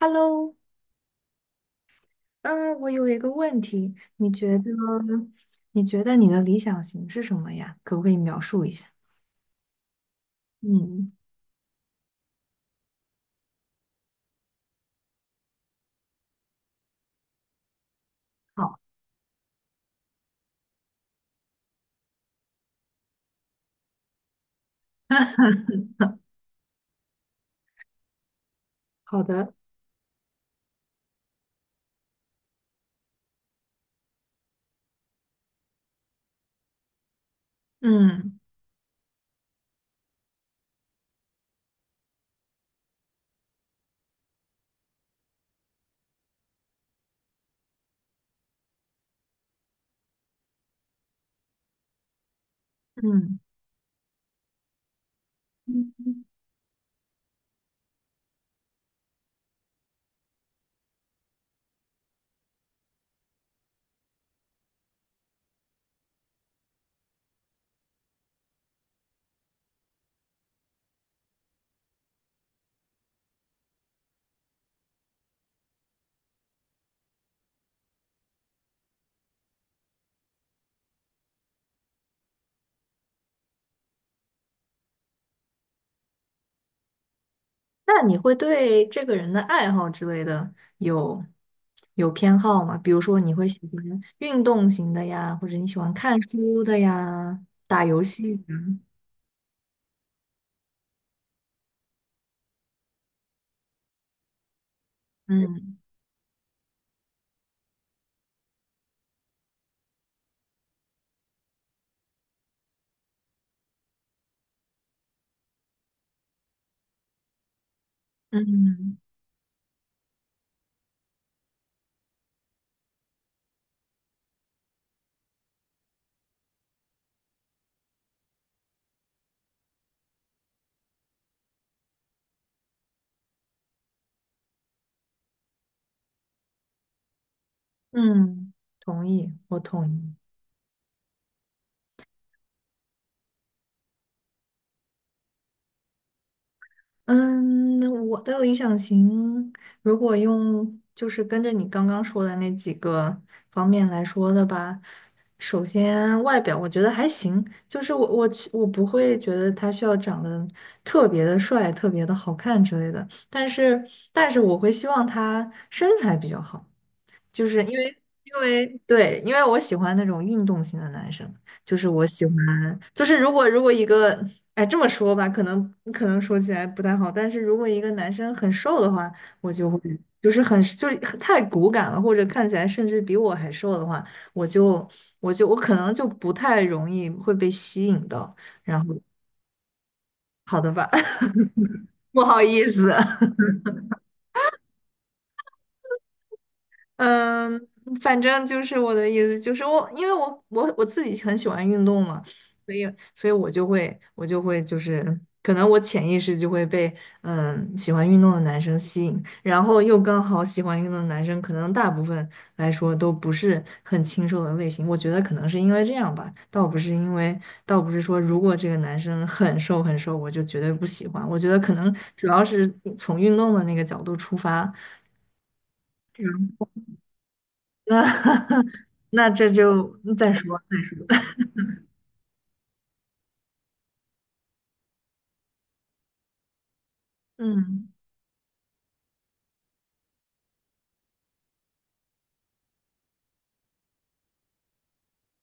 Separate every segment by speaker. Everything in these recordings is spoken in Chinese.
Speaker 1: Hello,嗯，我有一个问题，你觉得你的理想型是什么呀？可不可以描述一下？嗯，好，好的，嗯嗯，嗯，那你会对这个人的爱好之类的有偏好吗？比如说你会喜欢运动型的呀，或者你喜欢看书的呀，打游戏的，嗯嗯嗯，同意，我同意。嗯，我的理想型，如果用就是跟着你刚刚说的那几个方面来说的吧，首先外表我觉得还行，就是我不会觉得他需要长得特别的帅、特别的好看之类的，但是我会希望他身材比较好。就是因为因为对，因为我喜欢那种运动型的男生，就是我喜欢，就是如果一个，哎，这么说吧，可能说起来不太好，但是如果一个男生很瘦的话，我就会就是很就是太骨感了，或者看起来甚至比我还瘦的话，我就我就我可能就不太容易会被吸引到，好的吧，不好意思。嗯，反正就是我的意思，就是我，因为我我自己很喜欢运动嘛，所以我就会就是，可能我潜意识就会被喜欢运动的男生吸引，然后又刚好喜欢运动的男生，可能大部分来说都不是很清瘦的类型，我觉得可能是因为这样吧，倒不是说如果这个男生很瘦很瘦，我就绝对不喜欢，我觉得可能主要是从运动的那个角度出发。那那这就再说。嗯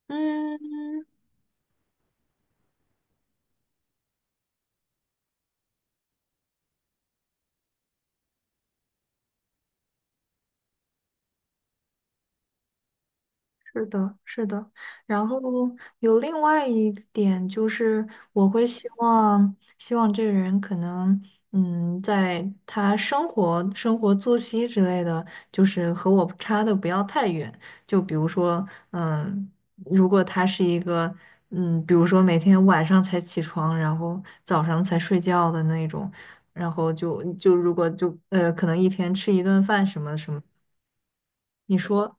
Speaker 1: 嗯，是的，是的。然后有另外一点就是，我会希望这个人可能，嗯，在他生活、生活作息之类的，就是和我差的不要太远。就比如说，嗯，如果他是一个，嗯，比如说每天晚上才起床，然后早上才睡觉的那种，然后就如果就可能一天吃一顿饭什么什么，你说，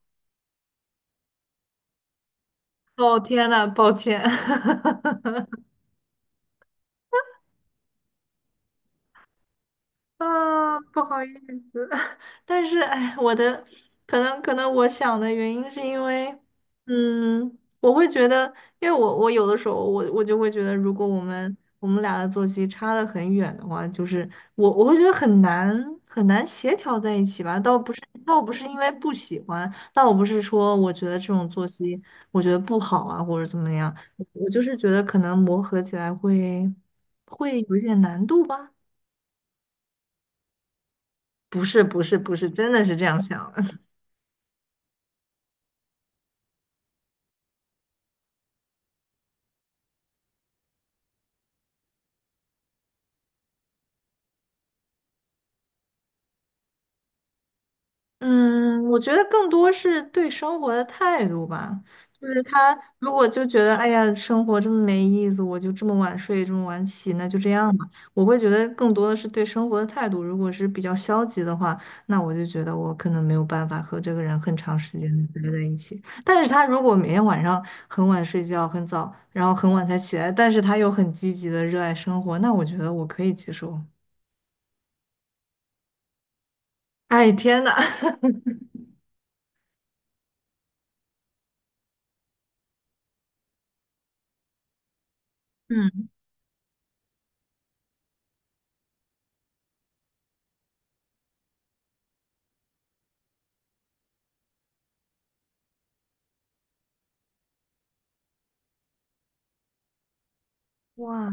Speaker 1: 哦，天呐，抱歉。啊，不好意思，但是哎，我的可能我想的原因是因为，嗯，我会觉得，因为我有的时候我就会觉得，如果我们俩的作息差的很远的话，就是我会觉得很难很难协调在一起吧。倒不是因为不喜欢，倒不是说我觉得这种作息我觉得不好啊，或者怎么样，我就是觉得可能磨合起来会有一点难度吧。不是不是不是，真的是这样想的。嗯，我觉得更多是对生活的态度吧。就是他如果就觉得，哎呀，生活这么没意思，我就这么晚睡，这么晚起，那就这样吧。我会觉得更多的是对生活的态度。如果是比较消极的话，那我就觉得我可能没有办法和这个人很长时间的待在一起。但是他如果每天晚上很晚睡觉，很早，然后很晚才起来，但是他又很积极的热爱生活，那我觉得我可以接受。哎，天呐！嗯。哇，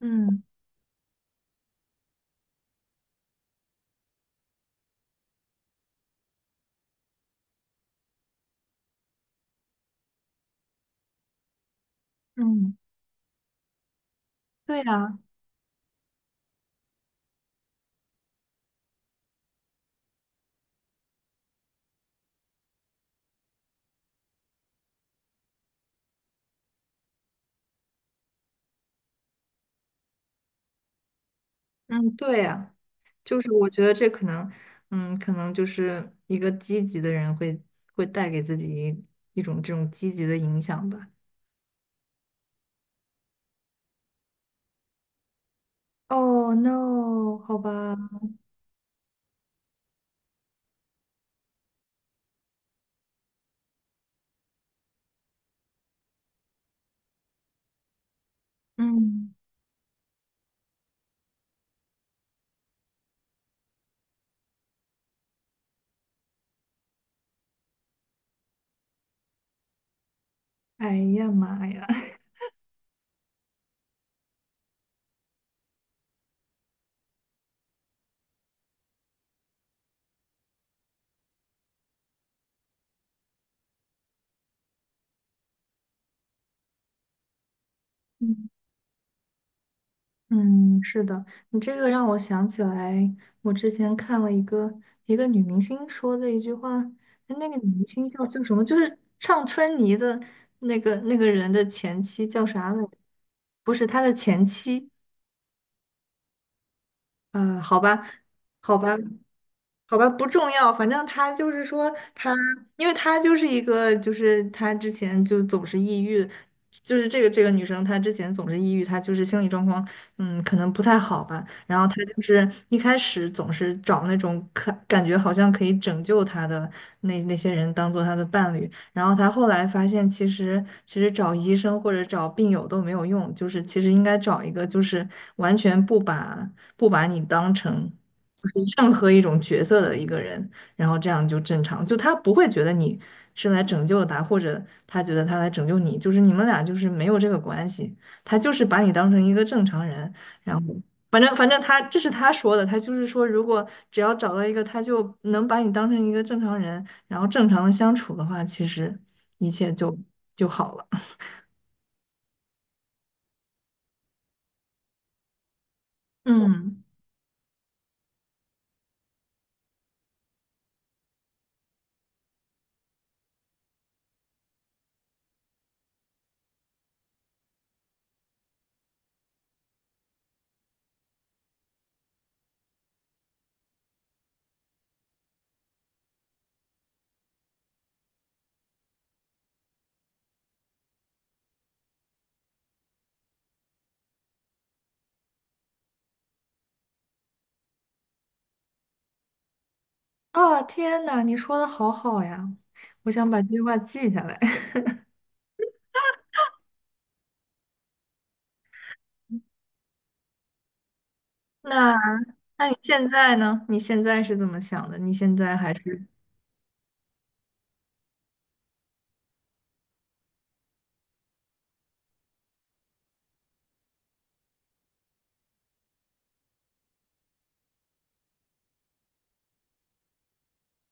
Speaker 1: 嗯嗯，对呀，嗯对呀，就是我觉得这可能，嗯，可能就是一个积极的人会带给自己一种这种积极的影响吧。Oh no,好吧，嗯，哎呀妈呀，嗯，是的，你这个让我想起来，我之前看了一个女明星说的一句话，那个女明星叫什么？就是唱春泥的那个人的前妻叫啥来着？不是他的前妻，呃，好吧，好吧，好吧，不重要，反正他就是说他，因为他就是一个，就是他之前就总是抑郁，就是这个女生她之前总是抑郁，她就是心理状况，嗯，可能不太好吧。然后她就是一开始总是找那种可感觉好像可以拯救她的那些人当做她的伴侣，然后她后来发现其实找医生或者找病友都没有用，就是其实应该找一个就是完全不把你当成。就是任何一种角色的一个人，然后这样就正常，就他不会觉得你是来拯救了他，或者他觉得他来拯救你，就是你们俩就是没有这个关系，他就是把你当成一个正常人，然后反正他这是他说的，他就是说如果只要找到一个他就能把你当成一个正常人，然后正常的相处的话，其实一切就好了。嗯，啊，天呐，你说的好好呀，我想把这句话记下来。那。现在呢？你现在是怎么想的？你现在还是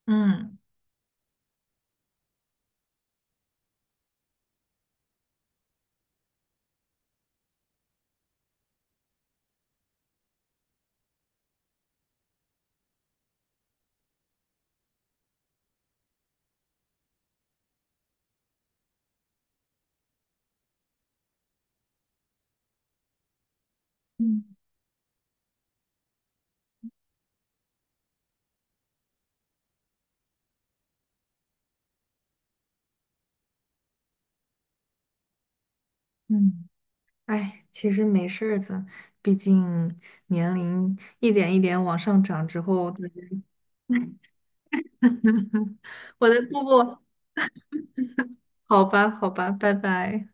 Speaker 1: 嗯嗯嗯，哎，其实没事儿的，毕竟年龄一点一点往上涨之后，我的我的步步，好吧，好吧，拜拜。